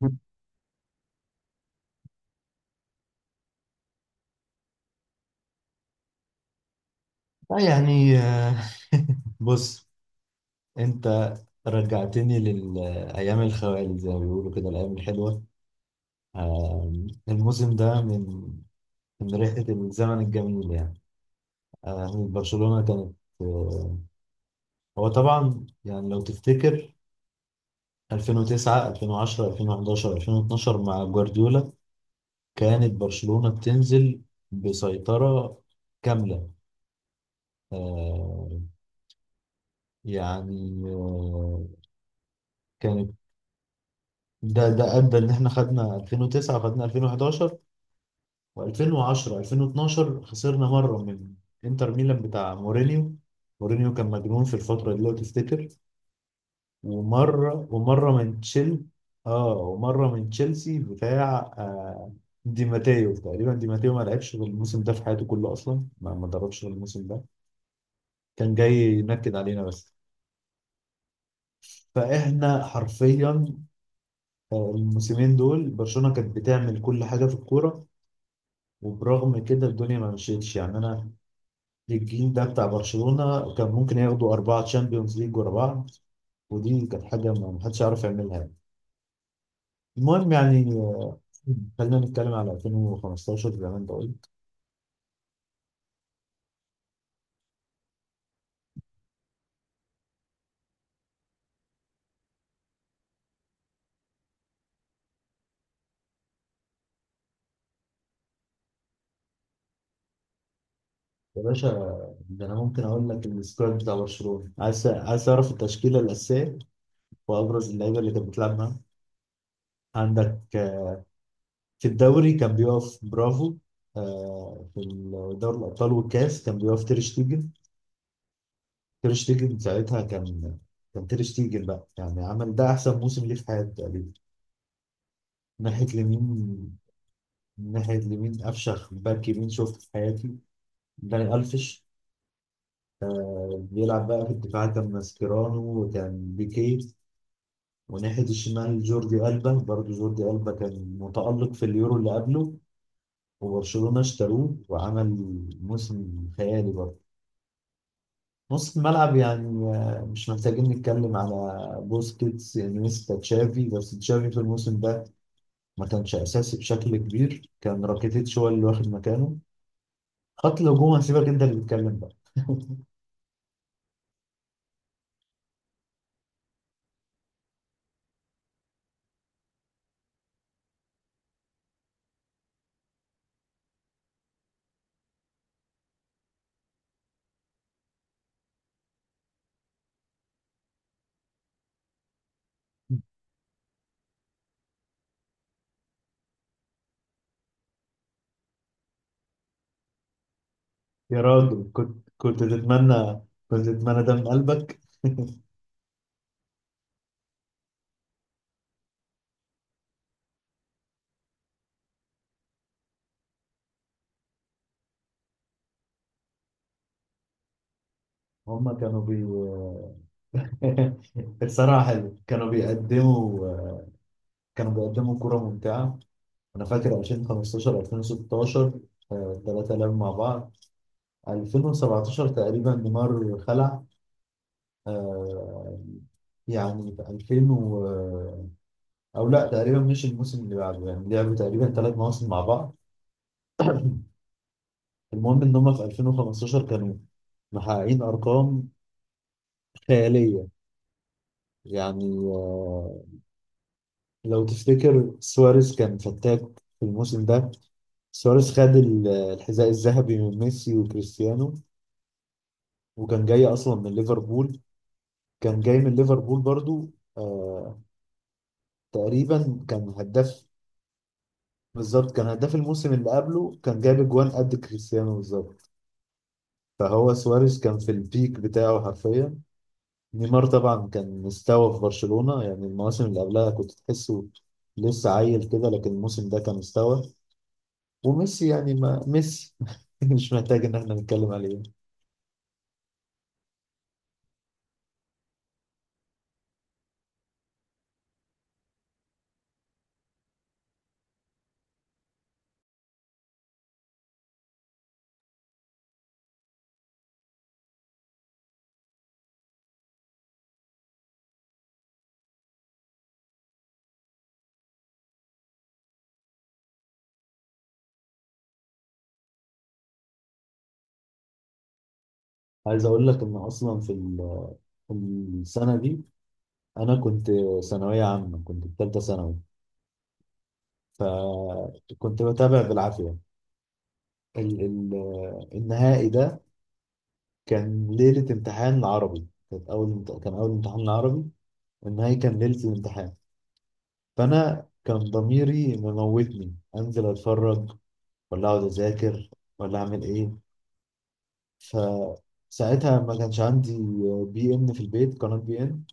لا، يعني بص، انت رجعتني للايام الخوالي زي ما بيقولوا كده، الايام الحلوه. آه، الموسم ده من ريحه الزمن الجميل يعني. برشلونه كانت. آه، هو طبعا يعني لو تفتكر 2009، 2010، 2011، 2012 مع جوارديولا، كانت برشلونه بتنزل بسيطره كامله. آه، يعني كانت ده ادى ان احنا خدنا 2009، خدنا 2011، و2010، 2012 خسرنا مره من انتر ميلان بتاع مورينيو. مورينيو كان مجنون في الفتره دي لو تفتكر. ومره ومره من تشيل اه ومره من تشيلسي بتاع دي ماتيو، تقريبا. دي ماتيو ما لعبش غير الموسم ده في حياته كله اصلا، ما دربش غير الموسم ده، كان جاي ينكد علينا بس. فاحنا حرفيا الموسمين دول برشلونه كانت بتعمل كل حاجه في الكوره، وبرغم كده الدنيا ما مشيتش يعني. انا الجيل ده بتاع برشلونة كان ممكن ياخدوا 4 تشامبيونز ليج ورا بعض، ودي كانت حاجة ما حدش يعرف يعملها. المهم يعني، خلينا نتكلم على 2015 زي ما انت قلت. يا باشا، ده انا ممكن اقول لك السكواد بتاع برشلونة، عايز اعرف التشكيلة الأساسية وأبرز اللعيبة اللي كانت بتلعب معاها. عندك في الدوري كان بيقف برافو، في دوري الأبطال والكاس كان بيقف تير شتيجن. تير شتيجن ساعتها كان تير شتيجن بقى، يعني عمل ده احسن موسم ليه في حياته تقريبا. ناحيه اليمين، ناحيه اليمين افشخ باك يمين شفته في حياتي، داني الفش. بيلعب بقى في الدفاع كان ماسكيرانو وكان بيكيه. وناحيه الشمال جوردي البا، برضه جوردي البا كان متالق في اليورو اللي قبله، وبرشلونه اشتروه وعمل موسم خيالي برضه. نص الملعب يعني، مش محتاجين نتكلم على بوسكيتس، انيستا، تشافي. بس تشافي في الموسم ده ما كانش اساسي بشكل كبير، كان راكيتيتش هو اللي واخد مكانه. خط الهجوم هسيبك انت اللي تتكلم بقى. يا راجل، كنت تتمنى دم قلبك. هما كانوا بي الصراحة حلو، كانوا بيقدموا كرة ممتعة. أنا فاكر 2015، 2016، التلاتة لعبوا مع بعض. 2017 تقريبا نيمار خلع. آه، يعني في 2000 و، او لا، تقريبا مش الموسم اللي بعده، يعني لعبوا تقريبا 3 مواسم مع بعض. المهم ان هم في 2015 كانوا محققين ارقام خياليه. يعني لو تفتكر سواريز كان فتاك في الموسم ده. سواريز خد الحذاء الذهبي من ميسي وكريستيانو، وكان جاي اصلا من ليفربول، كان جاي من ليفربول برضو. آه تقريبا كان هداف، بالظبط كان هداف الموسم اللي قبله، كان جايب اجوان قد كريستيانو بالظبط. فهو سواريز كان في البيك بتاعه حرفيا. نيمار طبعا كان مستوى في برشلونة، يعني المواسم اللي قبلها كنت تحسه لسه عيل كده، لكن الموسم ده كان مستوى. وميسي يعني ما ميسي، مش محتاج ان احنا نتكلم عليه. عايز اقول لك ان اصلا في السنة دي انا كنت ثانوية عامة، كنت في ثالثة ثانوي، فكنت بتابع بالعافية. ال النهائي ده كان ليلة امتحان العربي، كان أول امتحان العربي، النهائي كان ليلة الامتحان. فأنا كان ضميري مموتني أنزل أتفرج ولا أقعد أذاكر ولا أعمل إيه. فساعتها ما كانش عندي بي إن في البيت، قناة بي إن،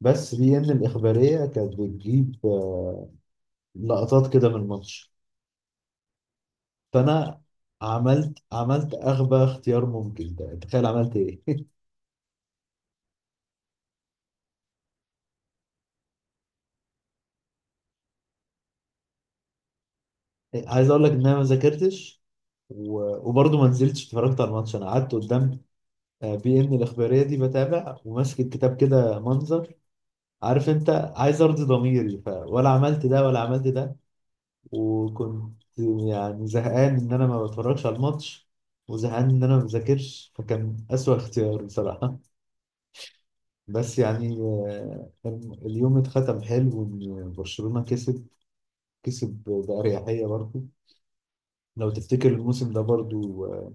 بس بي إن الإخبارية كانت بتجيب لقطات كده من الماتش. فأنا عملت أغبى اختيار ممكن. تخيل عملت إيه؟ عايز أقول لك إن أنا ما ذاكرتش، و... وبرضه ما نزلتش اتفرجت على الماتش. أنا قعدت قدام بي ان الاخباريه دي بتابع وماسك الكتاب كده منظر، عارف انت، عايز ارضي ضميري. ولا عملت ده ولا عملت ده. وكنت يعني زهقان ان انا ما بتفرجش على الماتش، وزهقان ان انا ما بذاكرش، فكان اسوأ اختيار بصراحه. بس يعني كان اليوم اتختم حلو، وان برشلونه كسب، كسب باريحيه برضه. لو تفتكر الموسم ده برضه،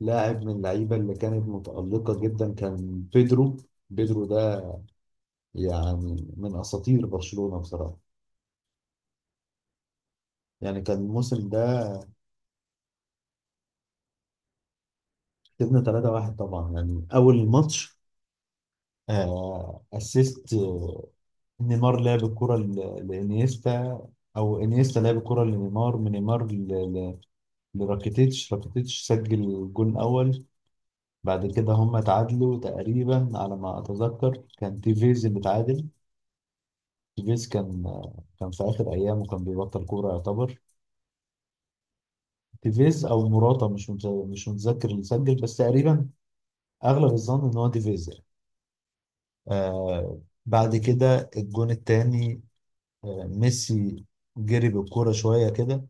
لاعب من اللعيبه اللي كانت متالقه جدا كان بيدرو. بيدرو يعني من اساطير برشلونه بصراحه، يعني كان الموسم ده. كسبنا 3-1 طبعا. يعني اول الماتش اسيست، نيمار لعب الكره لانيستا، او انيستا لعب الكره لنيمار، من نيمار لراكيتيتش، راكيتيتش سجل الجول الاول. بعد كده هم اتعادلوا تقريبا، على ما اتذكر كان تيفيز اللي اتعادل. تيفيز كان كان في اخر ايامه، كان بيبطل كوره يعتبر. تيفيز او موراتا، مش متذكر اللي سجل، بس تقريبا اغلب الظن ان هو دي فيزر. بعد كده الجون التاني، ميسي جري بالكوره شويه كده،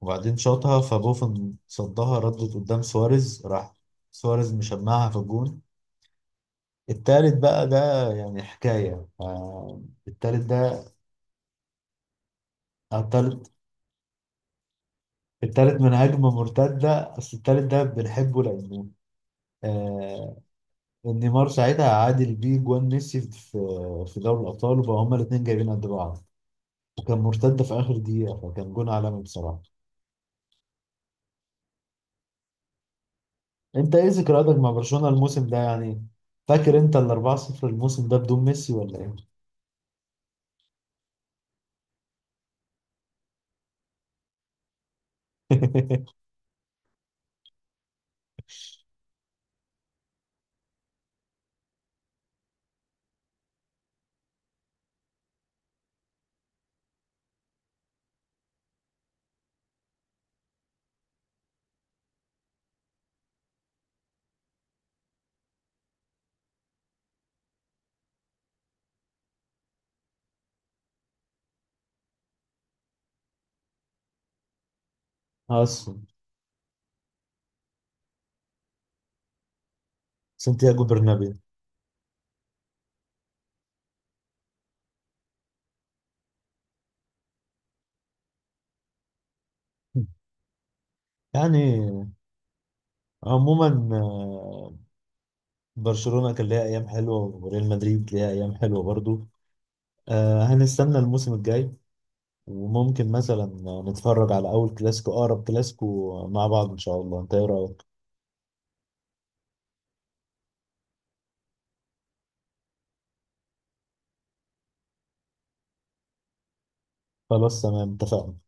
وبعدين شاطها فبوفن صدها، ردت قدام سواريز، راح سواريز مشمعها في الجون. التالت بقى ده يعني حكايه. التالت ده، آه، التالت التالت من هجمه مرتده. اصل التالت ده بنحبه، لانه آه نيمار ساعتها عادل بيه جوان ميسي في دوري الابطال، وبقى هما الاثنين جايبين قد بعض. وكان مرتده في اخر دقيقه، فكان جون عالمي بصراحه. انت ايه ذكرياتك مع برشلونه الموسم ده يعني؟ فاكر انت ال 4-0 الموسم ده بدون ميسي ولا ايه؟ اصلا سانتياغو برنابيو. يعني عموما برشلونة كان ليها أيام حلوة وريال مدريد ليها أيام حلوة برضو. هنستنى الموسم الجاي، وممكن مثلا نتفرج على أول كلاسيكو، أقرب كلاسيكو مع بعض إن شاء الله. أنت إيه رأيك؟ خلاص تمام، اتفقنا.